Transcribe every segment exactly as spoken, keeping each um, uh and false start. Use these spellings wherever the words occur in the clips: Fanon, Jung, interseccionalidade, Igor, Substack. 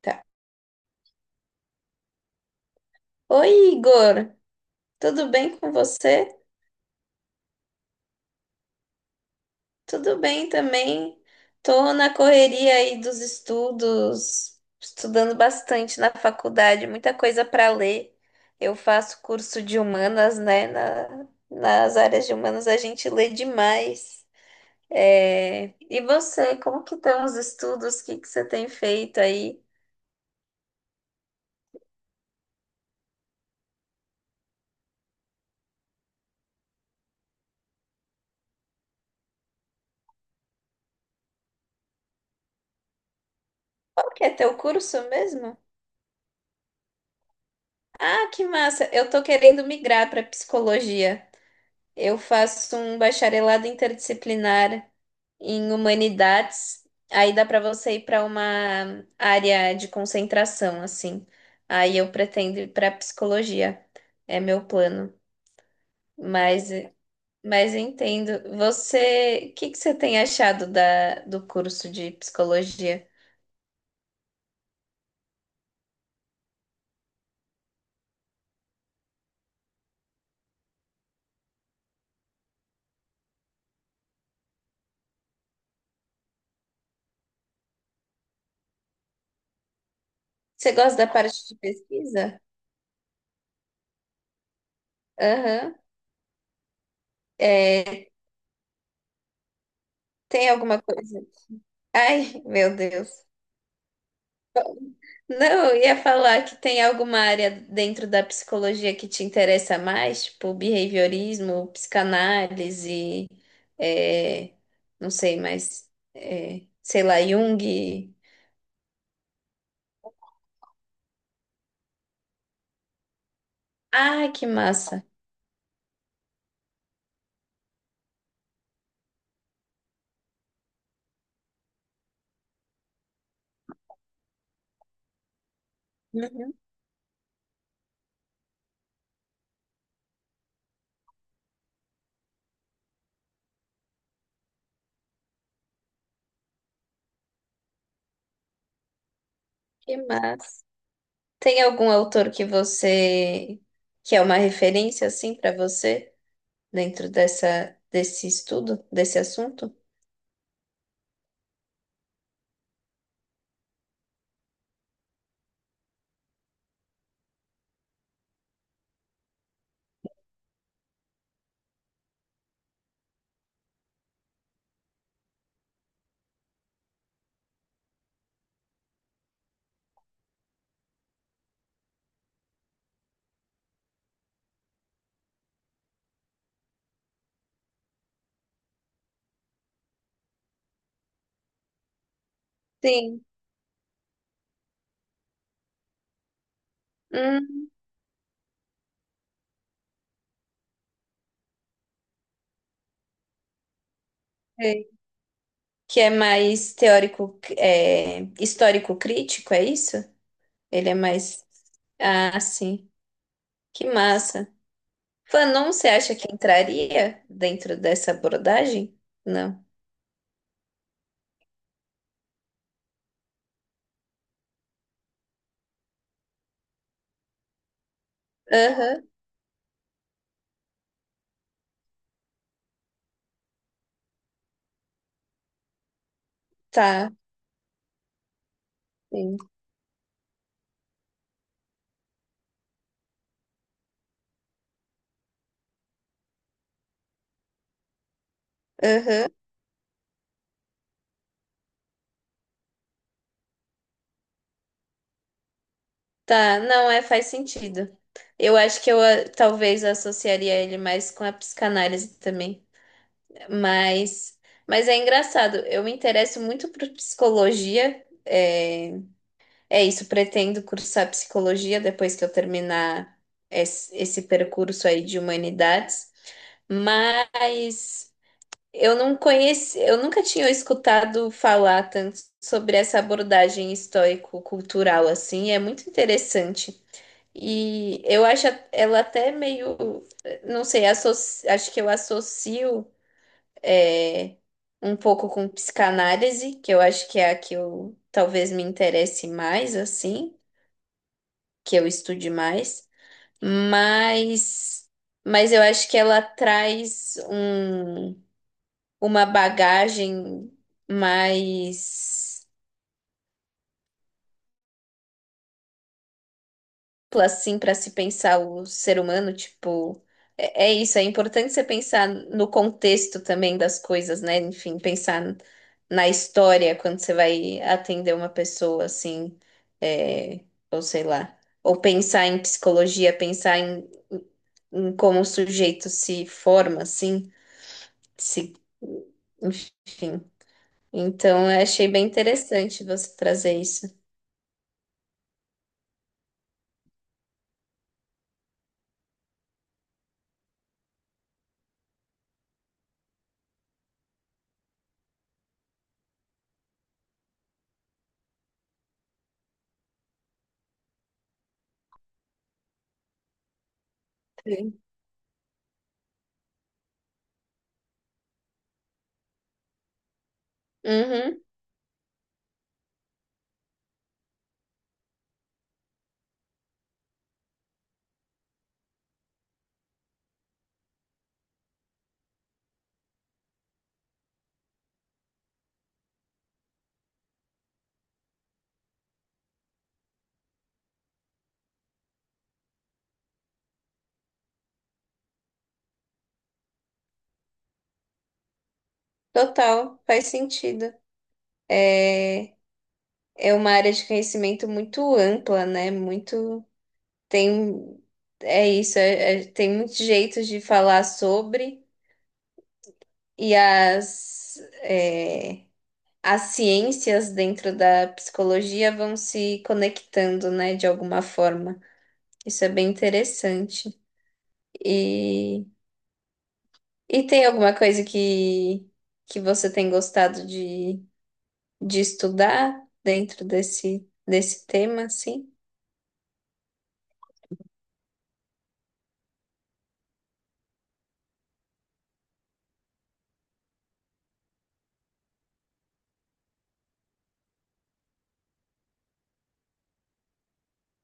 Tá. Oi, Igor, tudo bem com você? Tudo bem também. Tô na correria aí dos estudos, estudando bastante na faculdade, muita coisa para ler. Eu faço curso de humanas, né? Na, nas áreas de humanas a gente lê demais. É, e você, como que estão os estudos? O que que você tem feito aí? Qual que é teu curso mesmo? Ah, que massa! Eu tô querendo migrar para psicologia. Eu faço um bacharelado interdisciplinar em humanidades. Aí dá para você ir para uma área de concentração, assim. Aí eu pretendo ir para psicologia. É meu plano. Mas, mas eu entendo. Você, o que que você tem achado da, do curso de psicologia? Você gosta da parte de pesquisa? Aham. É, tem alguma coisa? Ai, meu Deus. Não, eu ia falar que tem alguma área dentro da psicologia que te interessa mais, tipo behaviorismo, psicanálise, é, não sei, mas é, sei lá, Jung. Ah, que massa! Uhum. Que massa! Tem algum autor que você que é uma referência assim para você dentro dessa desse estudo, desse assunto? Sim. Hum, é, que é mais teórico, é, histórico crítico, é isso? Ele é mais. Ah, sim. Que massa. Fanon, você acha que entraria dentro dessa abordagem? Não. Aham, tá. Sim. Aham, tá. Não, é, faz sentido. Eu acho que eu ah, talvez associaria ele mais com a psicanálise também. Mas, mas é engraçado, eu me interesso muito por psicologia. é, É isso, pretendo cursar psicologia depois que eu terminar es- esse percurso aí de humanidades, mas eu não conheci, eu nunca tinha escutado falar tanto sobre essa abordagem estoico-cultural assim, é muito interessante. E eu acho a- ela até meio, não sei, associ- acho que eu associo é, um pouco com psicanálise, que eu acho que é a que eu talvez me interesse mais assim que eu estude mais, mas, mas eu acho que ela traz um, uma bagagem mais ampla, assim para se pensar o ser humano, tipo, é, é isso, é importante você pensar no contexto também das coisas, né? Enfim, pensar na história quando você vai atender uma pessoa assim, é, ou sei lá. Ou pensar em psicologia, pensar em, em como o sujeito se forma, assim. Se, enfim. Então, eu achei bem interessante você trazer isso. Sim. Uhum, total, faz sentido. É, é uma área de conhecimento muito ampla, né? Muito tem é isso, é- é- tem muitos jeitos de falar sobre e as é, as ciências dentro da psicologia vão se conectando, né? De alguma forma. Isso é bem interessante. e E tem alguma coisa que, que você tem gostado de, de estudar dentro desse, desse tema, assim?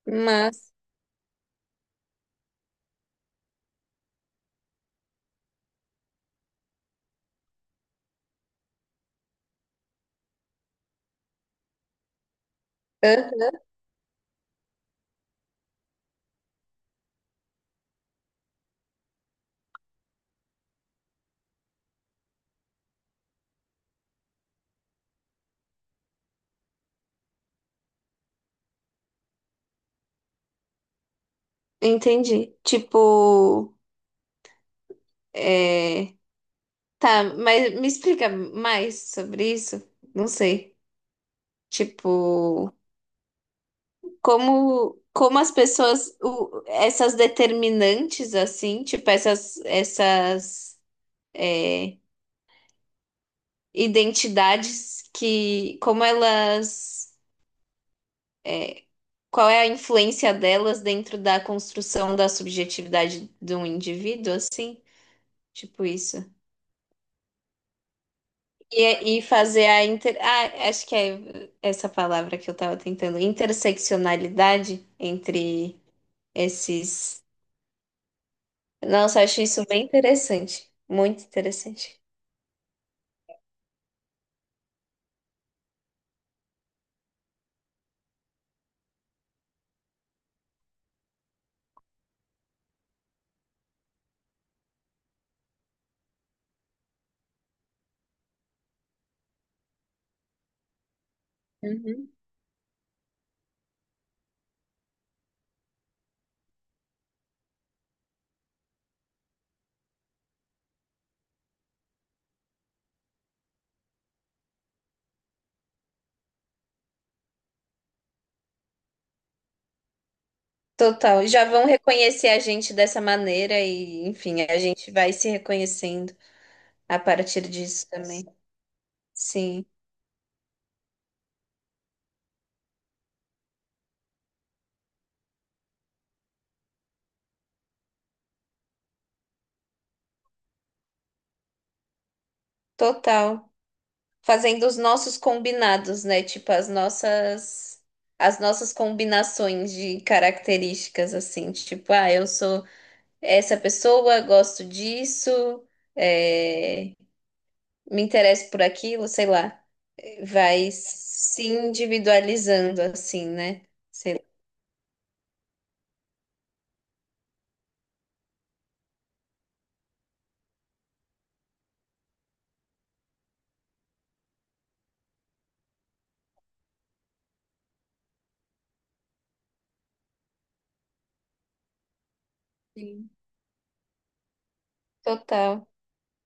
Mas, hã? Entendi. Tipo, é, tá, mas me explica mais sobre isso? Não sei. Tipo, como, como as pessoas, o- essas determinantes, assim, tipo, essas, essas, é, identidades que, como elas. É, qual é a influência delas dentro da construção da subjetividade de um indivíduo, assim? Tipo isso. E, e fazer a inter... Ah, acho que é essa palavra que eu tava tentando. Interseccionalidade entre esses... Nossa, acho isso bem interessante. Muito interessante. Uhum. Total. Já vão reconhecer a gente dessa maneira e, enfim, a gente vai se reconhecendo a partir disso também. Sim, total, fazendo os nossos combinados, né? Tipo, as nossas as nossas combinações de características, assim, tipo, ah, eu sou essa pessoa, gosto disso, é, me interesso por aquilo, sei lá. Vai se individualizando, assim, né? Sei lá. Sim. Total.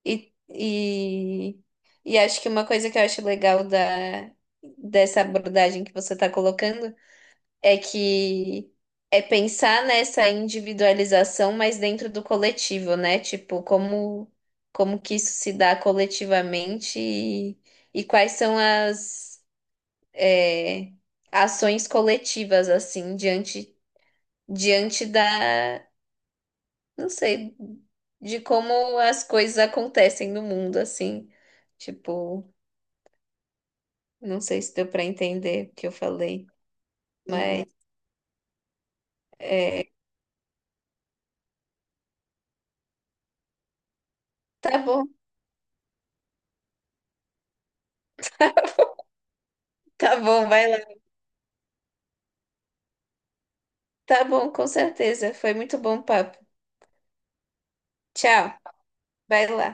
E, e, e acho que uma coisa que eu acho legal da, dessa abordagem que você está colocando é que é pensar nessa individualização, mas dentro do coletivo, né? Tipo, como como que isso se dá coletivamente e, e quais são as é, ações coletivas assim diante diante da, não sei, de como as coisas acontecem no mundo assim. Tipo, não sei se deu para entender o que eu falei, uhum, mas tá bom, tá bom, vai lá. Tá bom, com certeza. Foi muito bom o papo. Tchau. Vai lá.